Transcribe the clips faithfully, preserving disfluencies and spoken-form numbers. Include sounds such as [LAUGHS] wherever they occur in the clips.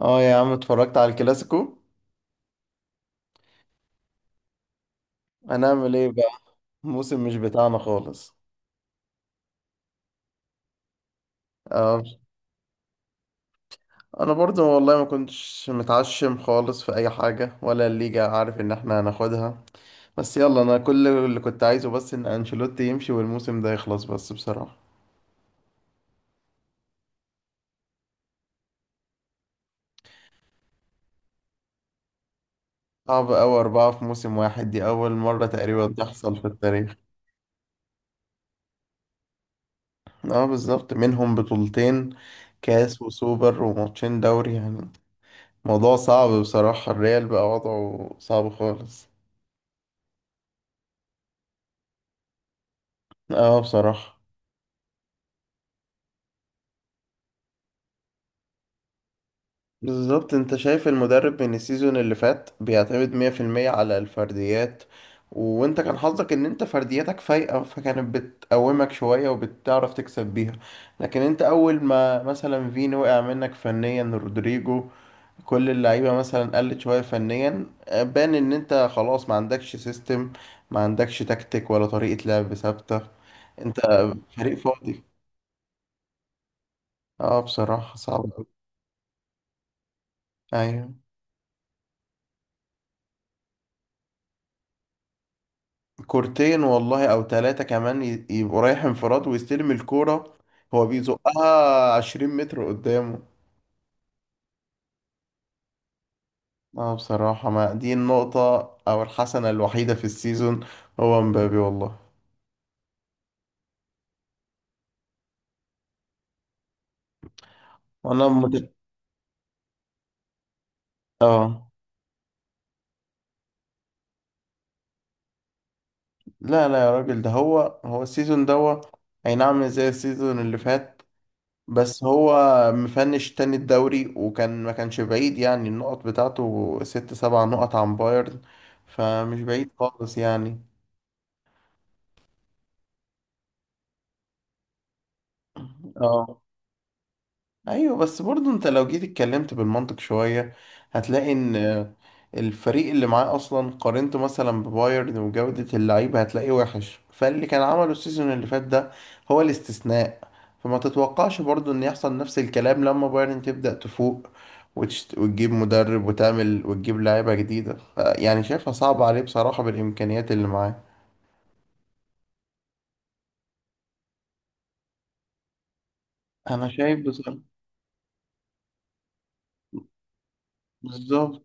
اه يا عم، اتفرجت على الكلاسيكو. هنعمل ايه بقى؟ موسم مش بتاعنا خالص. آه، انا برضو والله ما كنتش متعشم خالص في اي حاجة ولا الليجا، عارف ان احنا هناخدها. بس يلا، انا كل اللي كنت عايزه بس ان انشيلوتي يمشي والموسم ده يخلص بس، بصراحة. صعب أوي أربعة في موسم واحد، دي أول مرة تقريبا تحصل في التاريخ. اه بالظبط، منهم بطولتين، كاس وسوبر وماتشين دوري يعني. موضوع صعب بصراحة، الريال بقى وضعه صعب خالص. اه بصراحة. بالظبط، انت شايف المدرب من السيزون اللي فات بيعتمد مية بالمية على الفرديات. وانت كان حظك ان انت فردياتك فايقة، فكانت بتقومك شوية وبتعرف تكسب بيها. لكن انت اول ما مثلا فين وقع منك فنيا رودريجو، كل اللعيبة مثلا قلت شوية فنيا، بان ان انت خلاص ما عندكش سيستم، ما عندكش تكتيك ولا طريقة لعب ثابتة. انت فريق فاضي. اه بصراحة صعب اوي. ايوه. كورتين والله او ثلاثة كمان ي- يبقوا رايح انفراد ويستلم الكورة، هو بيزقها عشرين متر قدامه. اه بصراحة، ما دي النقطة او الحسنة الوحيدة في السيزون، هو مبابي والله. انا مت... اه. لا لا يا راجل، ده هو هو السيزون دوا. اي نعم مش زي السيزون اللي فات بس هو مفنش تاني الدوري، وكان ما كانش بعيد يعني، النقط بتاعته ست سبع نقط عن بايرن، فمش بعيد خالص يعني. اه. ايوه بس برضه انت لو جيت اتكلمت بالمنطق شويه، هتلاقي ان الفريق اللي معاه اصلا قارنته مثلا ببايرن وجوده اللعيبه هتلاقيه وحش، فاللي كان عمله السيزون اللي فات ده هو الاستثناء. فما تتوقعش برضه ان يحصل نفس الكلام لما بايرن تبدا تفوق وتشت... وتجيب مدرب وتعمل وتجيب لعيبه جديده ف- يعني شايفها صعبه عليه بصراحه بالامكانيات اللي معاه. انا شايف بصراحه. بالظبط،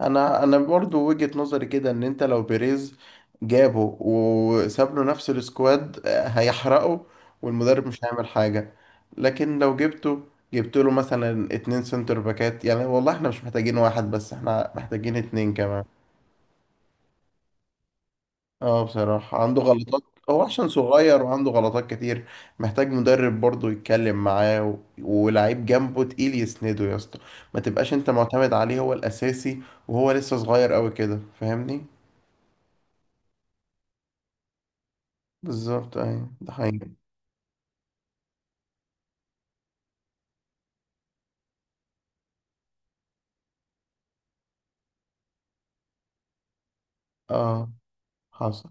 انا انا برضو وجهة نظري كده ان انت لو بيريز جابه وساب له نفس السكواد آه، هيحرقه، والمدرب مش هيعمل حاجة. لكن لو جبته، جبت له مثلا اتنين سنتر باكات يعني، والله احنا مش محتاجين واحد بس، احنا محتاجين اتنين كمان. اه بصراحة عنده غلطات. هو عشان صغير وعنده غلطات كتير، محتاج مدرب برضه يتكلم معاه و... ولاعيب جنبه تقيل يسنده يا اسطى، ما تبقاش انت معتمد عليه هو الأساسي. وهو لسه صغير قوي كده، فاهمني. بالظبط، أيوة ده حقيقي. اه. حصل.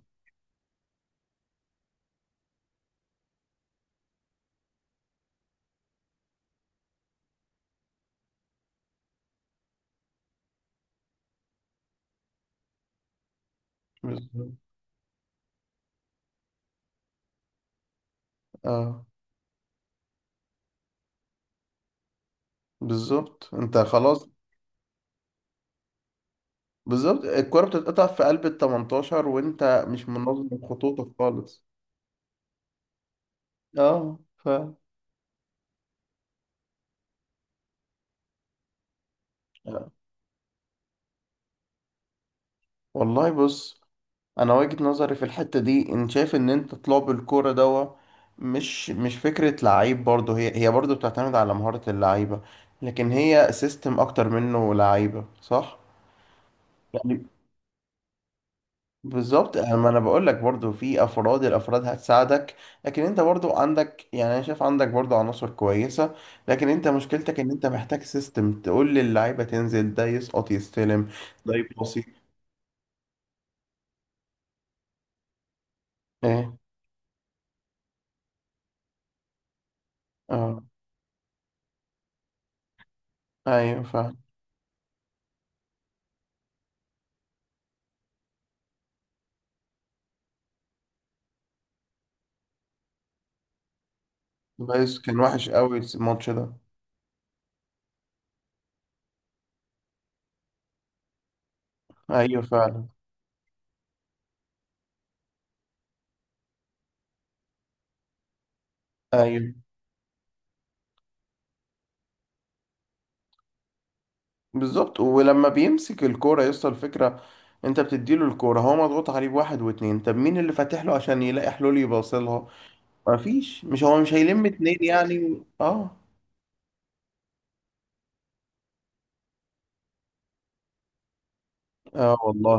بالظبط. اه بالظبط انت خلاص. بالظبط، الكرة بتتقطع في قلب ال التمنتاشر وانت مش منظم خطوطك خالص. اه ف آه. والله بص، انا وجهة نظري في الحتة دي ان شايف ان انت طلاب الكورة دوا، مش مش فكرة لعيب برضه، هي هي برضه بتعتمد على مهارة اللعيبة، لكن هي سيستم اكتر منه لعيبة، صح؟ يعني. بالظبط، أنا- ما انا بقول لك برضو في افراد، الافراد هتساعدك. لكن انت برضو عندك، يعني انا شايف عندك برضو عناصر كويسه، لكن انت مشكلتك ان انت محتاج سيستم تقول للعيبه تنزل، ده يسقط، يستلم، ده يباصي. ايه. اه. ايوه فعلا. بس كان وحش قوي الماتش ده. ايوه فعلا. ايوه. بالظبط، ولما بيمسك الكوره يوصل الفكره، انت بتديله الكوره هو مضغوط عليه بواحد واتنين، طب مين اللي فاتح له عشان يلاقي حلول يباصلها؟ ما فيش، مش هو مش هيلم اتنين يعني، اه. اه والله.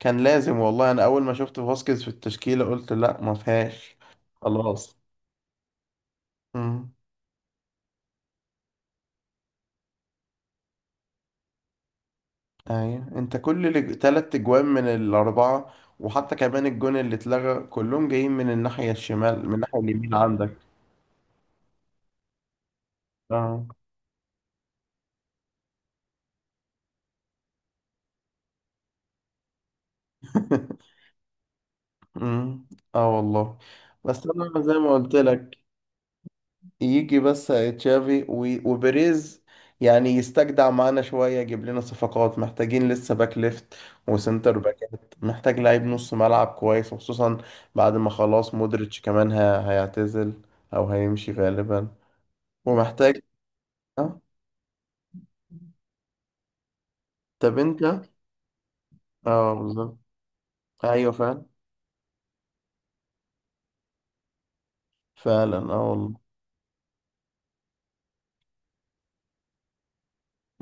كان لازم والله، انا اول ما شفت فاسكيز في التشكيلة قلت لا ما فيهاش. خلاص. امم. ايوه، انت كل الج- تلات اجوان من الاربعة وحتى كمان الجون اللي اتلغى كلهم جايين من الناحية الشمال، من الناحية اليمين عندك. اه. [LAUGHS] امم. اه والله. بس انا زي ما قلت لك، يجي بس تشافي و- وبيريز يعني يستجدع معانا شوية، يجيب لنا صفقات. محتاجين لسه باك ليفت وسنتر باكات. محتاج لعيب نص ملعب كويس، وخصوصا بعد ما خلاص مودريتش كمان ه- هيعتزل أو هيمشي غالبا. ومحتاج. اه. طب انت. اه بالظبط. ايوه فعلا. فعلا اه والله.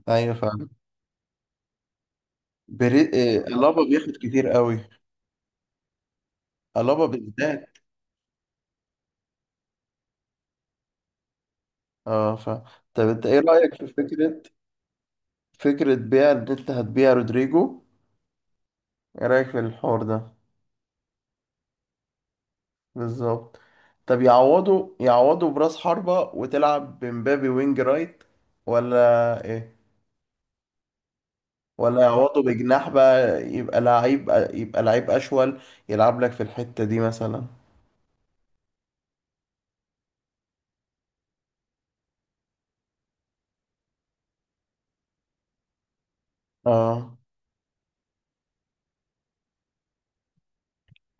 ايوه فعلا. بري... آه، ألابا بياخد كتير قوي. ألابا بالذات. اه فعلا. طب انت ايه رأيك في فكرة، فكرة بيع اللي انت هتبيع رودريجو؟ ايه رأيك في الحوار ده؟ بالظبط. طب يعوضوا، يعوضوا براس حربة وتلعب بمبابي وينج رايت، ولا ايه؟ ولا يعوضوا بجناح بقى، يبقى لعيب، يبقى لعيب اشول يلعب لك في الحتة دي مثلا. اه.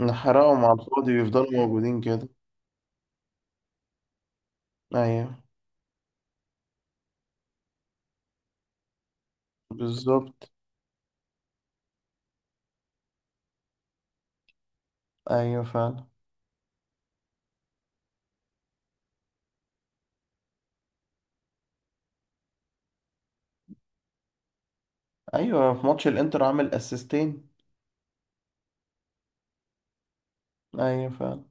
نحرقهم على الفاضي ويفضلوا موجودين كده. ايوه. بالظبط. ايوه فعلا. ايوه، في ماتش الانتر عامل اسيستين. ايوه فعلا.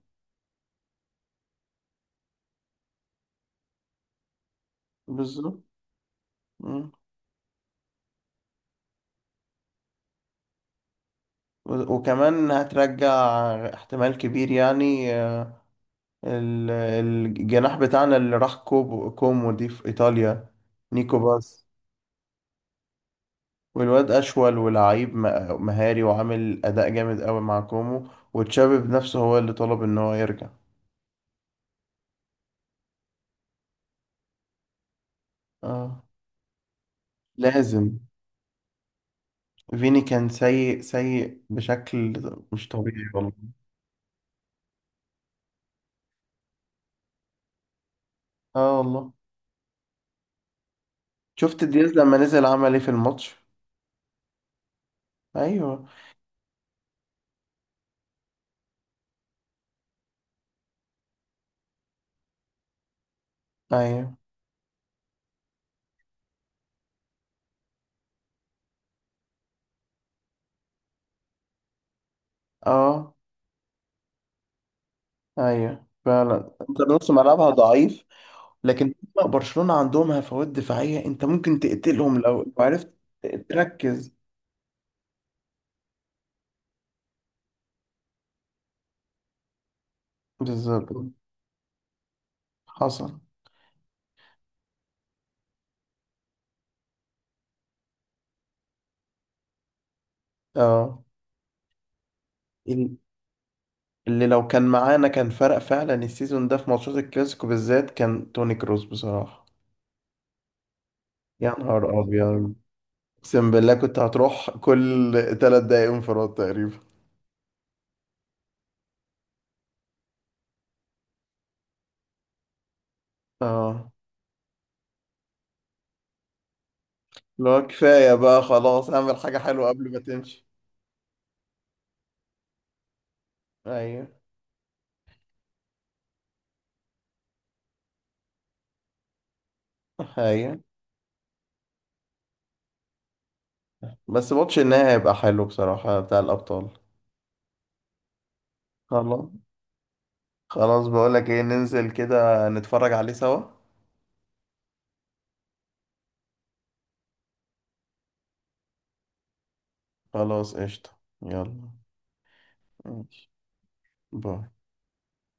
بالظبط. و- وكمان هترجع، احتمال كبير يعني آه، ال- الجناح بتاعنا اللي راح كوبو، كومو دي في إيطاليا، نيكو باس. والواد أشول ولعيب م- مهاري وعامل أداء جامد قوي مع كومو، وتشابي بنفسه هو اللي طلب إن هو يرجع. اه. لازم. فيني كان سيء، سيء بشكل مش طبيعي والله. اه والله. شفت دياز لما نزل عمل ايه في الماتش؟ ايوه. ايوه. اه. ايوه فعلا. انت نص ملعبها ضعيف، لكن برشلونة عندهم هفوات دفاعية، انت ممكن تقتلهم لو لو عرفت تركز. بالظبط. حصل. اه ال- اللي لو كان معانا كان فرق فعلا السيزون ده في ماتشات الكلاسيكو بالذات، كان توني كروس بصراحة. يا نهار ابيض، اقسم بالله كنت هتروح كل ثلاث دقايق انفراد تقريبا. اه. لو كفاية بقى خلاص، اعمل حاجة حلوة قبل ما تمشي. ايوه. ايوه. بس ماتش النهائي هيبقى حلو بصراحة بتاع الأبطال. خلاص. خلاص، بقولك ايه، ننزل كده نتفرج عليه سوا؟ خلاص قشطة، يلا. ماشي. باي.